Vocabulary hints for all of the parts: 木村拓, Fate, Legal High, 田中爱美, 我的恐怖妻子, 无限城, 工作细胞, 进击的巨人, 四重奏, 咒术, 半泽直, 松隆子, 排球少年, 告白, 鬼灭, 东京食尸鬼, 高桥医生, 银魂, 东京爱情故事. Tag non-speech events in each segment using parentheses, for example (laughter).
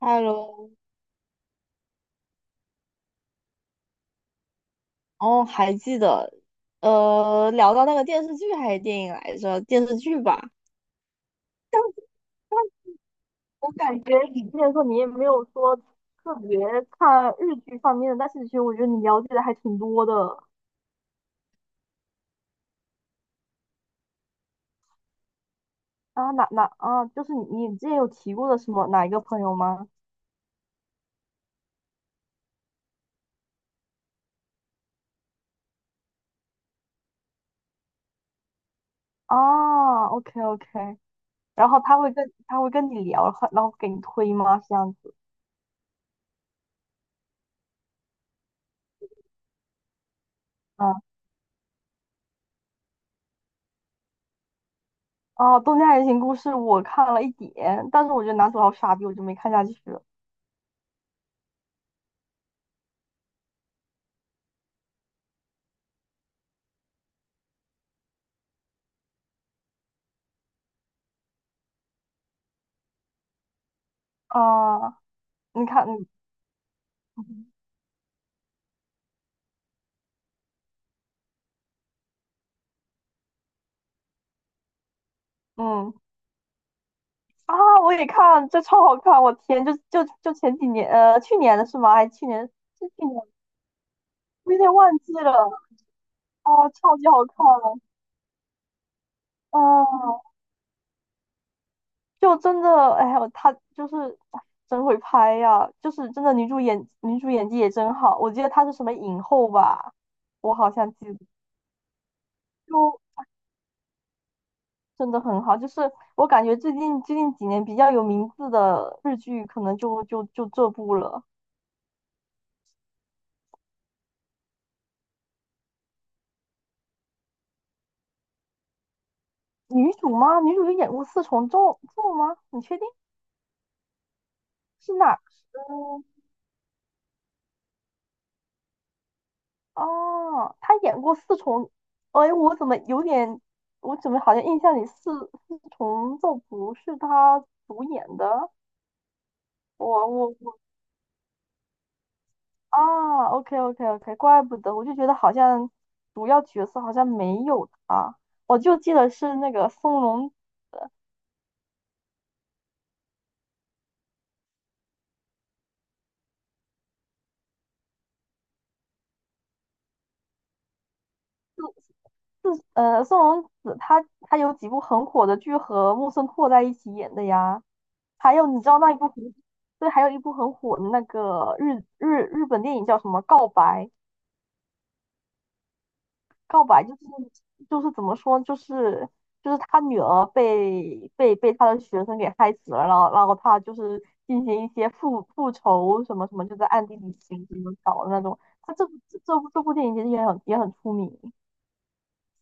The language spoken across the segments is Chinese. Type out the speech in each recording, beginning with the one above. Hello。哦，还记得。聊到那个电视剧还是电影来着？电视剧吧。但是我感觉你之前说你也没有说特别看日剧方面的，但是其实我觉得你了解的还挺多的啊。哪啊，就是你之前有提过的什么哪一个朋友吗？啊，OK OK。然后他会跟你聊，然后给你推吗？这样子。嗯。哦、啊，《东京爱情故事》我看了一点，但是我觉得男主好傻逼，我就没看下去了。啊，你看。嗯嗯嗯。啊，我也看，这超好看！我天，就前几年，去年的是吗？还去年是去年，我有点忘记了。哦，超级好看了。嗯、就真的，哎呀，他就是哎，真会拍呀、就是真的女主演技也真好。我记得她是什么影后吧，我好像记得。就真的很好。就是我感觉最近几年比较有名字的日剧，可能就这部了。女主吗？女主有演过《四重奏》？奏吗？你确定是哪？嗯。哦，她演过《四重》。哎，我怎么有点，我怎么好像印象里《四重奏》不是她主演的？我我我啊，OK OK OK，怪不得，我就觉得好像主要角色好像没有她，我就记得是那个松隆子。松隆子她有几部很火的剧和木村拓在一起演的呀。还有你知道那一部很，对，还有一部很火的那个日本电影叫什么？《告白》？告白就是就是怎么说，就是他女儿被他的学生给害死了，然后他就是进行一些复仇什么什么，就在暗地里行什么搞的那种。他这部电影其实也很出名。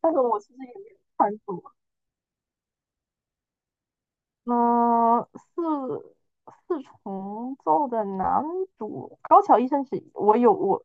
但是我其实也嗯四四重奏的男主高桥医生是，我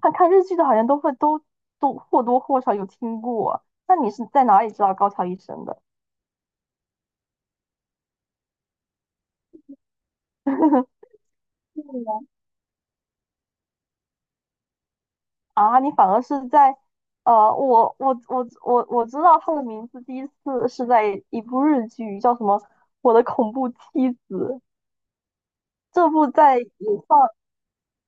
看看日剧的，好像都会都或多或少有听过。那你是在哪里知道高桥医生的？(laughs) 啊，你反而是在，我知道他的名字，第一次是在一部日剧，叫什么《我的恐怖妻子》。这部在也算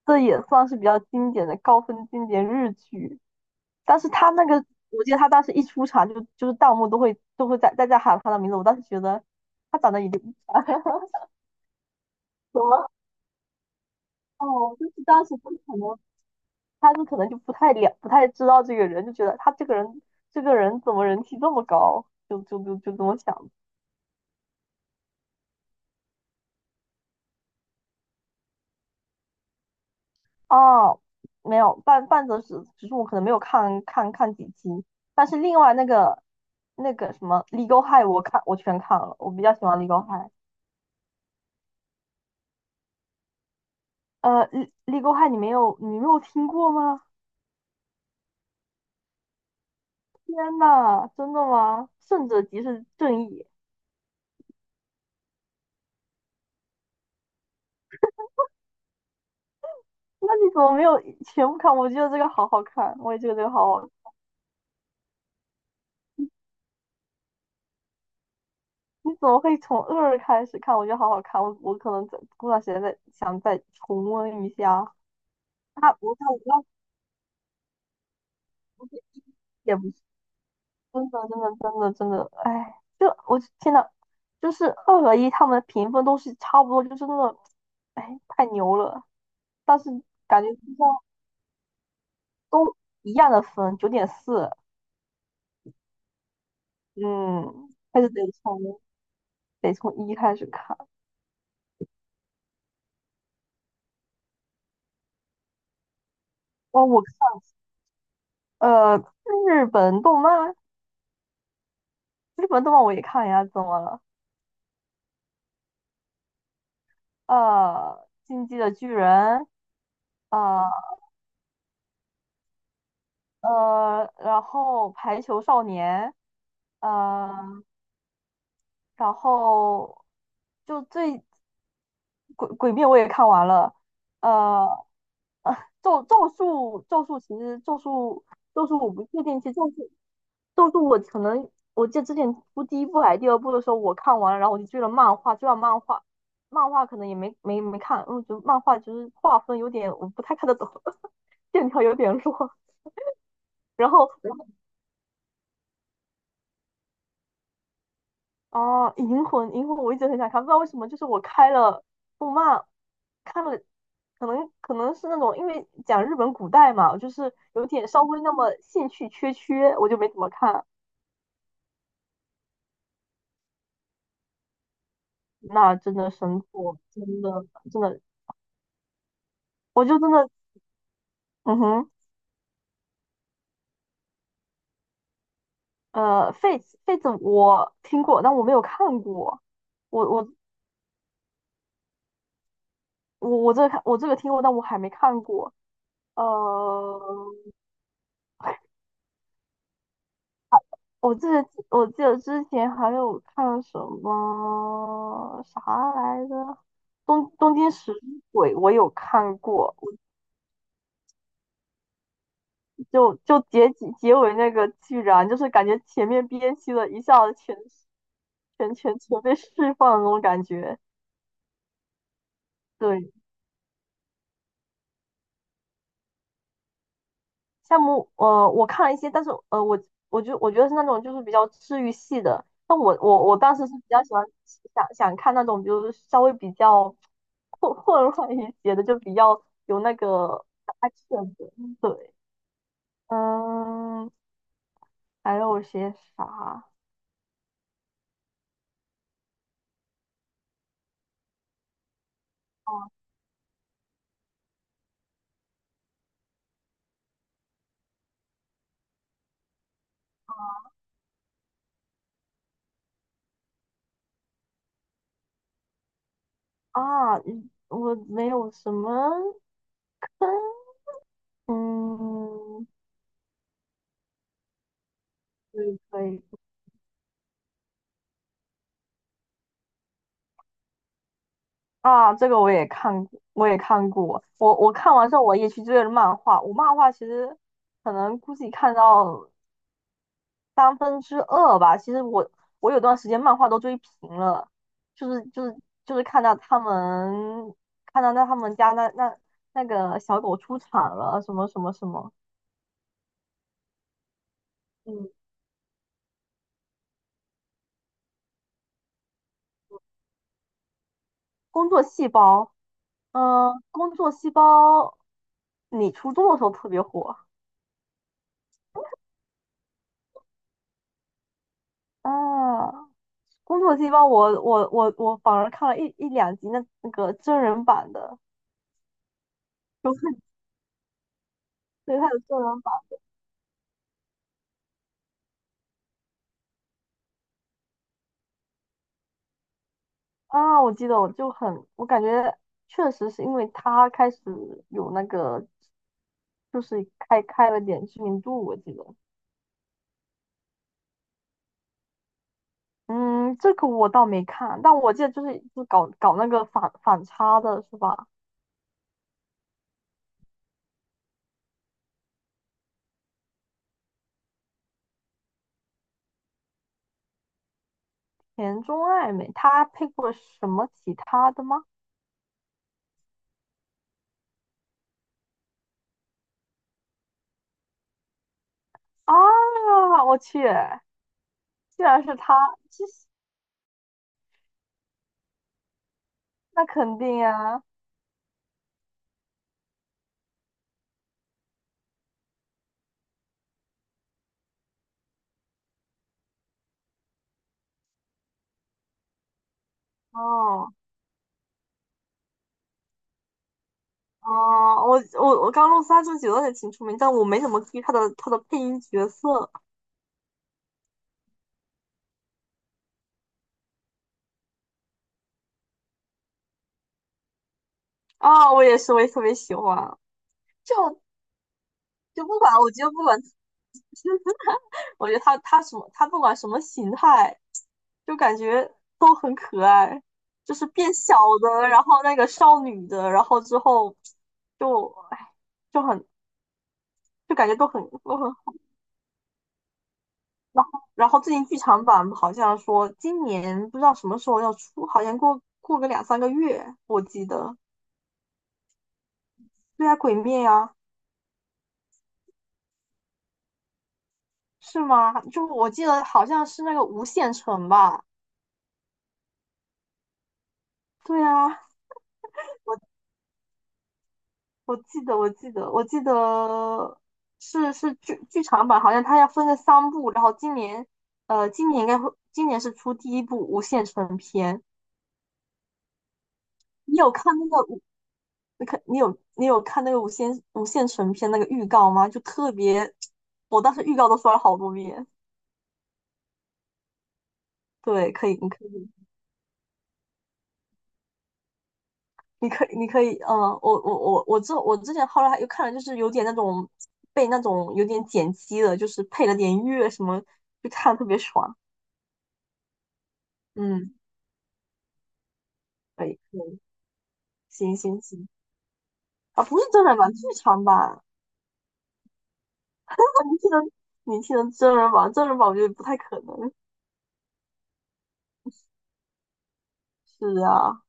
这也算是比较经典的高分经典日剧。但是他那个，我记得他当时一出场就是弹幕都会在喊他的名字。我当时觉得他长得有点 (laughs) 怎么？哦，就是当时不可能，他们可能就不太了，不太知道这个人，就觉得他这个人，怎么人气这么高，就这么想的。哦，没有。半泽直只是我可能没有看看几集。但是另外那个什么《Legal High》，我全看了，我比较喜欢《Legal High》。Legal High》你没有听过吗？天呐，真的吗？胜者即是正义。那你怎么没有全部看？我觉得这个好好看，我也觉得这个好好。你怎么会从二开始看？我觉得好好看，我可能在过段时间再想再重温一下。我看我那不是，也不是，真的，真的，真的，真的，哎，就我天呐，就是二和一他们的评分都是差不多，就是那种，哎，太牛了。但是感觉就像都一样的分，9.4。嗯，还是得从一开始看。哦，我看呃日本动漫，日本动漫我也看呀，怎么了？进击的巨人。呃然后排球少年。呃，然后就最鬼灭我也看完了。呃，呃咒术其实咒术我不确定，其实咒术我可能我记得之前出第一部还是第二部的时候我看完了，然后我就追了漫画，追了漫画。漫画可能也没看，因为我觉得漫画就是画风有点我不太看得懂，(laughs) 线条有点弱。然后哦，《银魂》，银魂我一直很想看，不知道为什么，就是我开了动漫，看了，可能是那种因为讲日本古代嘛，就是有点稍微那么兴趣缺缺，我就没怎么看。那真的神作，真的真的。我就真的，嗯哼。Fate 我听过，但我没有看过。我我我这个看我这个听过，但我还没看过。呃，我记得之前还有看什么啥来着，东京食尸鬼我有看过。就结局那个居然就是感觉前面憋屈了一下子全被释放的那种感觉。对。项目，我看了一些。但是呃，我觉得是那种就是比较治愈系的。但我当时是比较喜欢想想看那种，就是稍微比较混乱一些的，就比较有那个 action 的。对。嗯。还有些啥？哦，啊，嗯，我没有什么。(laughs) 嗯。可以可以。啊，这个我也看过，我也看过。我我看完之后，我也去追了漫画。我漫画其实可能估计看到2/3吧。其实我有段时间漫画都追平了。就是就是就是看到他们，看到他们家那个小狗出场了，什么什么什么。嗯，工作细胞。嗯、工作细胞。你初中的时候特别火。啊。工作细胞我反而看了一两集那真人版的。就看对，他有真人版。啊，我记得我就很，我感觉确实是因为他开始有那个，就是开开了点知名度，我记得。嗯，这个我倒没看，但我记得就是就搞那个反差的是吧？田中爱美他配过什么其他的吗？啊，我去，竟然是她。这，那肯定啊。哦。哦，我刚入三这九也挺出名，但我没怎么注意他的他的配音角色。啊、我也是，我也特别喜欢。就就不管，我觉得不管，(laughs) 我觉得他不管什么形态，就感觉都很可爱，就是变小的，然后那个少女的，然后之后就，哎，就很，就感觉都很，然后最近剧场版好像说今年不知道什么时候要出，好像过个两三个月，我记得。对啊，鬼灭呀。是吗？就我记得好像是那个无限城吧？对啊。我记得，我记得，我记得是剧场版，好像它要分个三部，然后今年，今年应该会，今年是出第一部无限城篇。你有看那个无？你有看那个无限城篇那个预告吗？就特别，我当时预告都刷了好多遍。对，可以，你可以。你可以，你可以。嗯，我之前后来还又看了，就是有点那种被那种有点剪辑的，就是配了点乐什么，就看得特别爽。嗯，可以可以。行行行。啊，不是真人版，剧场版。(laughs) 你听的你听的真人版，真人版我觉得不太可能。是啊。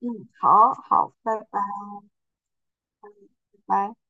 嗯。好好，拜拜拜。